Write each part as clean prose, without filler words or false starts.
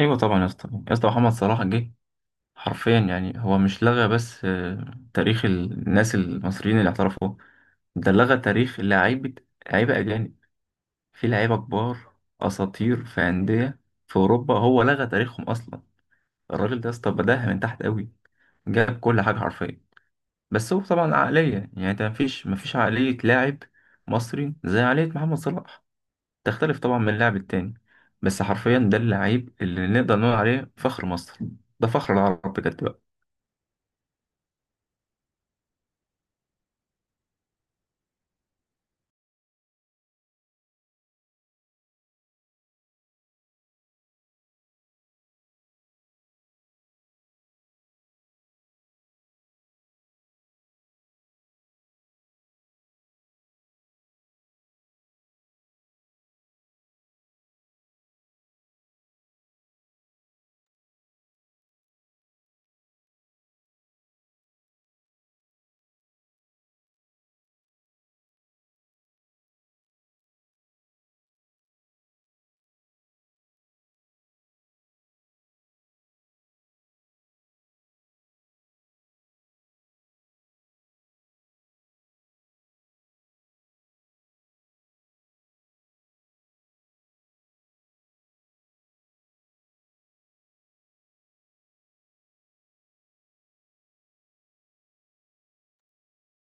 ايوه طبعا يا اسطى يا اسطى، محمد صلاح جه حرفيا. يعني هو مش لغى بس آه، تاريخ الناس المصريين اللي اعترفوا. ده لغى تاريخ لعيبه، لعيبه اجانب، في لعيبه كبار، اساطير في انديه في اوروبا. هو لغى تاريخهم اصلا. الراجل ده يا اسطى بداها من تحت قوي، جاب كل حاجه حرفيا. بس هو طبعا عقليه، يعني انت مفيش عقليه لاعب مصري زي عقليه محمد صلاح، تختلف طبعا من اللاعب التاني. بس حرفيا ده اللعيب اللي نقدر نقول عليه فخر مصر، ده فخر العرب بجد بقى.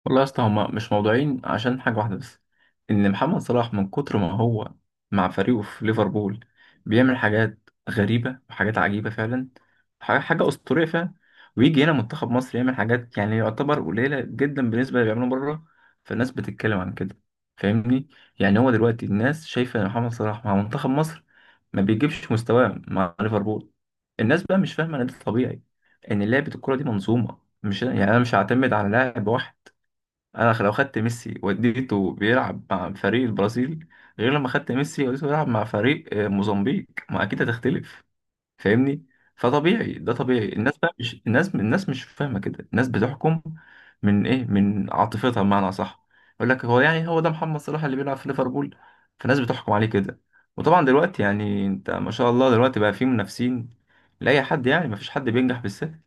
والله يا اسطى هما مش موضوعين عشان حاجة واحدة بس، إن محمد صلاح من كتر ما هو مع فريقه في ليفربول بيعمل حاجات غريبة وحاجات عجيبة فعلا، حاجة أسطورية فعلا. ويجي هنا منتخب مصر يعمل حاجات يعني يعتبر قليلة جدا بالنسبة اللي بيعملوا بره. فالناس بتتكلم عن كده، فاهمني؟ يعني هو دلوقتي الناس شايفة إن محمد صلاح مع منتخب مصر ما بيجيبش مستواه مع ليفربول. الناس بقى مش فاهمة إن ده طبيعي، إن لعبة الكرة دي منظومة، مش يعني أنا مش هعتمد على لاعب واحد. انا لو خدت ميسي وديته بيلعب مع فريق البرازيل، غير لما خدت ميسي وديته بيلعب مع فريق موزمبيق، ما اكيد هتختلف. فاهمني؟ فطبيعي، ده طبيعي. الناس بقى مش الناس مش فاهمه كده، الناس بتحكم من ايه، من عاطفتها، بمعنى صح. يقول لك هو، يعني هو ده محمد صلاح اللي بيلعب في ليفربول، فالناس بتحكم عليه كده. وطبعا دلوقتي يعني انت ما شاء الله دلوقتي بقى في منافسين لاي حد، يعني ما فيش حد بينجح بالسهل.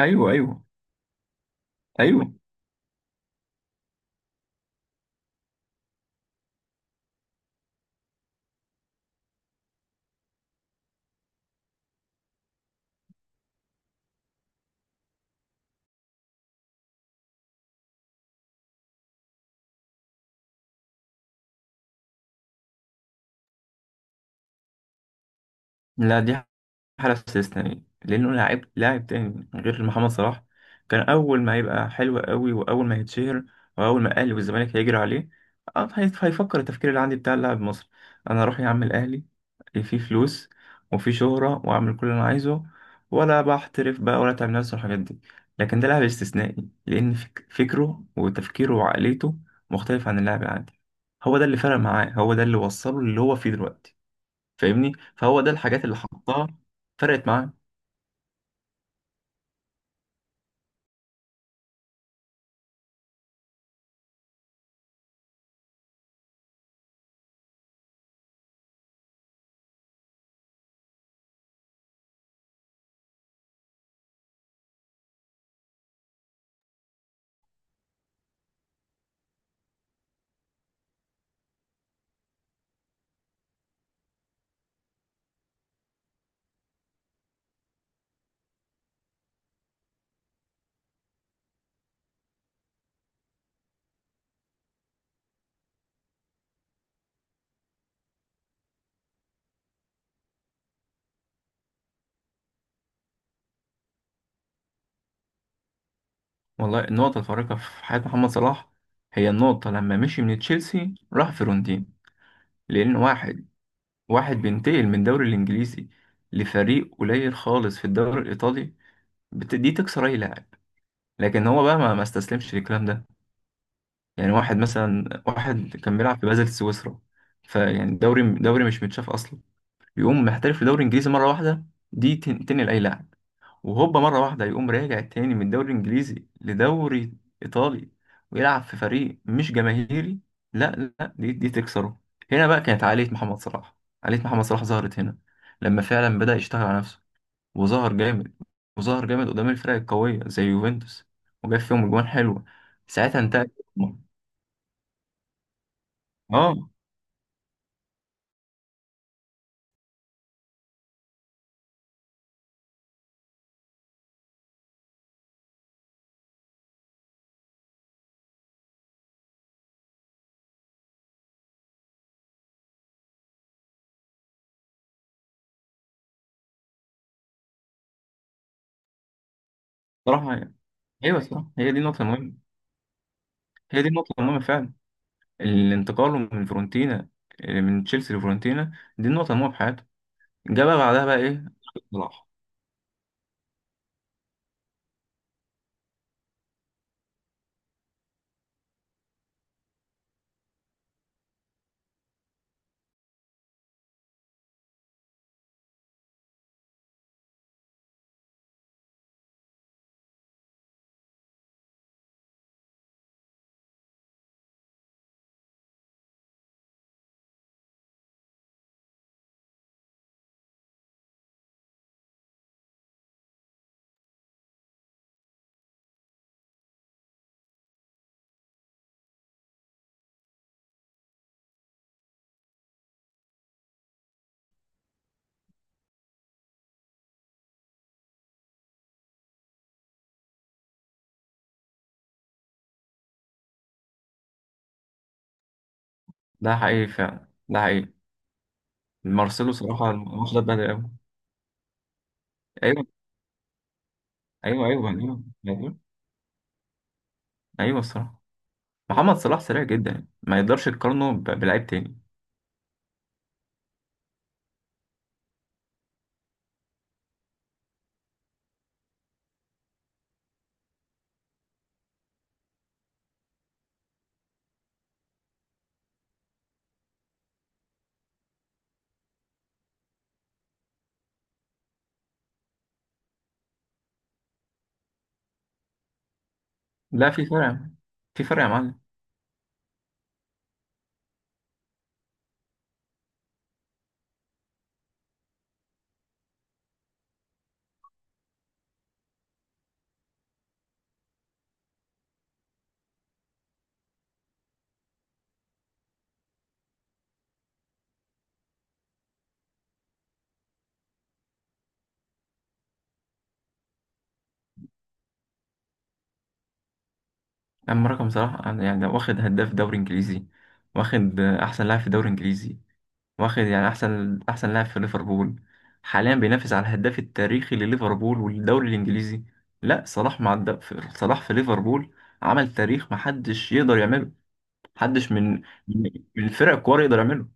ايوه ايوه ايوه. لا، دي على استثنائي، لأنه لاعب، لاعب تاني غير محمد صلاح كان أول ما يبقى حلو قوي وأول ما يتشهر وأول ما الأهلي والزمالك هيجري عليه، آه، هيفكر التفكير اللي عندي بتاع اللاعب مصر، أنا أروح يا عم الأهلي، فيه فلوس وفيه شهرة وأعمل كل اللي أنا عايزه، ولا بحترف بقى ولا تعمل نفس الحاجات دي. لكن ده لاعب استثنائي لأن فكره وتفكيره وعقليته مختلف عن اللاعب العادي. هو ده اللي فرق معاه، هو ده اللي وصله اللي هو فيه دلوقتي. فاهمني؟ فهو ده الحاجات اللي حطها فرقت معاه. والله النقطة الفارقة في حياة محمد صلاح هي النقطة لما مشي من تشيلسي راح فيرونتين. لأن واحد، واحد بينتقل من الدوري الإنجليزي لفريق قليل خالص في الدوري الإيطالي، دي تكسر أي لاعب. لكن هو بقى ما استسلمش للكلام ده. يعني واحد مثلا، واحد كان بيلعب في بازل سويسرا، فيعني دوري مش متشاف أصلا، يقوم محترف في دوري إنجليزي مرة واحدة، تنقل أي لاعب. وهوبا مرة واحدة يقوم راجع تاني من الدوري الإنجليزي لدوري إيطالي، ويلعب في فريق مش جماهيري، لا لا، دي تكسره. هنا بقى كانت عالية محمد صلاح، عالية محمد صلاح ظهرت هنا، لما فعلا بدأ يشتغل على نفسه وظهر جامد، وظهر جامد قدام الفرق القوية زي يوفنتوس، وجاب فيهم أجوان حلوة، ساعتها انتهت. اه، صراحة يعني. ايوه صراحة هي دي النقطة المهمة، هي دي النقطة المهمة فعلا. الانتقال من فرونتينا، من تشيلسي لفرونتينا، دي النقطة المهمة في حياته. جابها بعدها بقى ايه؟ صلاح، ده حقيقي فعلا، ده حقيقي. مارسيلو صراحة واخد بدري قوي. ايوه ايوه ايوه ايوه ايوه. ايوه الصراحة، محمد صلاح سريع جدا، ما يقدرش يقارنه بلعيب تاني. لا، في فرق يا معلم. في فرق يا معلم. اما رقم صلاح، يعني ده واخد هداف دوري انجليزي، واخد احسن لاعب في الدوري الانجليزي، واخد يعني احسن لاعب في ليفربول، حاليا بينافس على الهداف التاريخي لليفربول والدوري الانجليزي. لا، صلاح مع صلاح في ليفربول عمل تاريخ محدش يقدر يعمله، محدش من الفرق الكبار يقدر يعمله.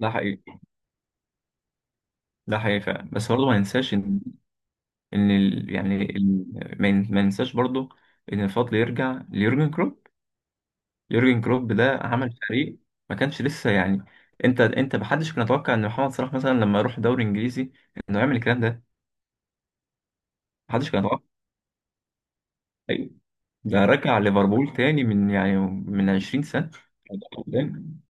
ده حقيقي، ده حقيقي فعلا. بس برضه ما ننساش ان، ان ال... يعني ال... ما ننساش برضه ان الفضل يرجع ليورجن كلوب. يورجن كلوب ده عمل فريق، ما كانش لسه يعني. انت محدش كان يتوقع ان محمد صلاح مثلا لما يروح دوري انجليزي انه يعمل الكلام ده. محدش كان يتوقع. ايوه، ده رجع ليفربول تاني من يعني من 20 سنة قدام.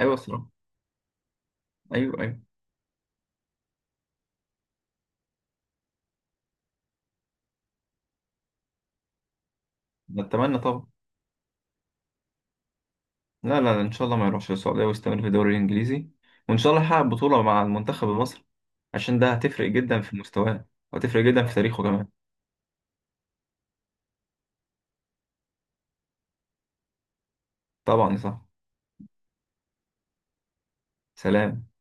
ايوه الصراحة. ايوه ايوه. نتمنى طبعا. لا لا، ان شاء الله ما يروحش السعودية ويستمر في الدوري الانجليزي، وان شاء الله يحقق بطولة مع المنتخب المصري، عشان ده هتفرق جدا في مستواه، وهتفرق جدا في تاريخه كمان. طبعا صح. سلام.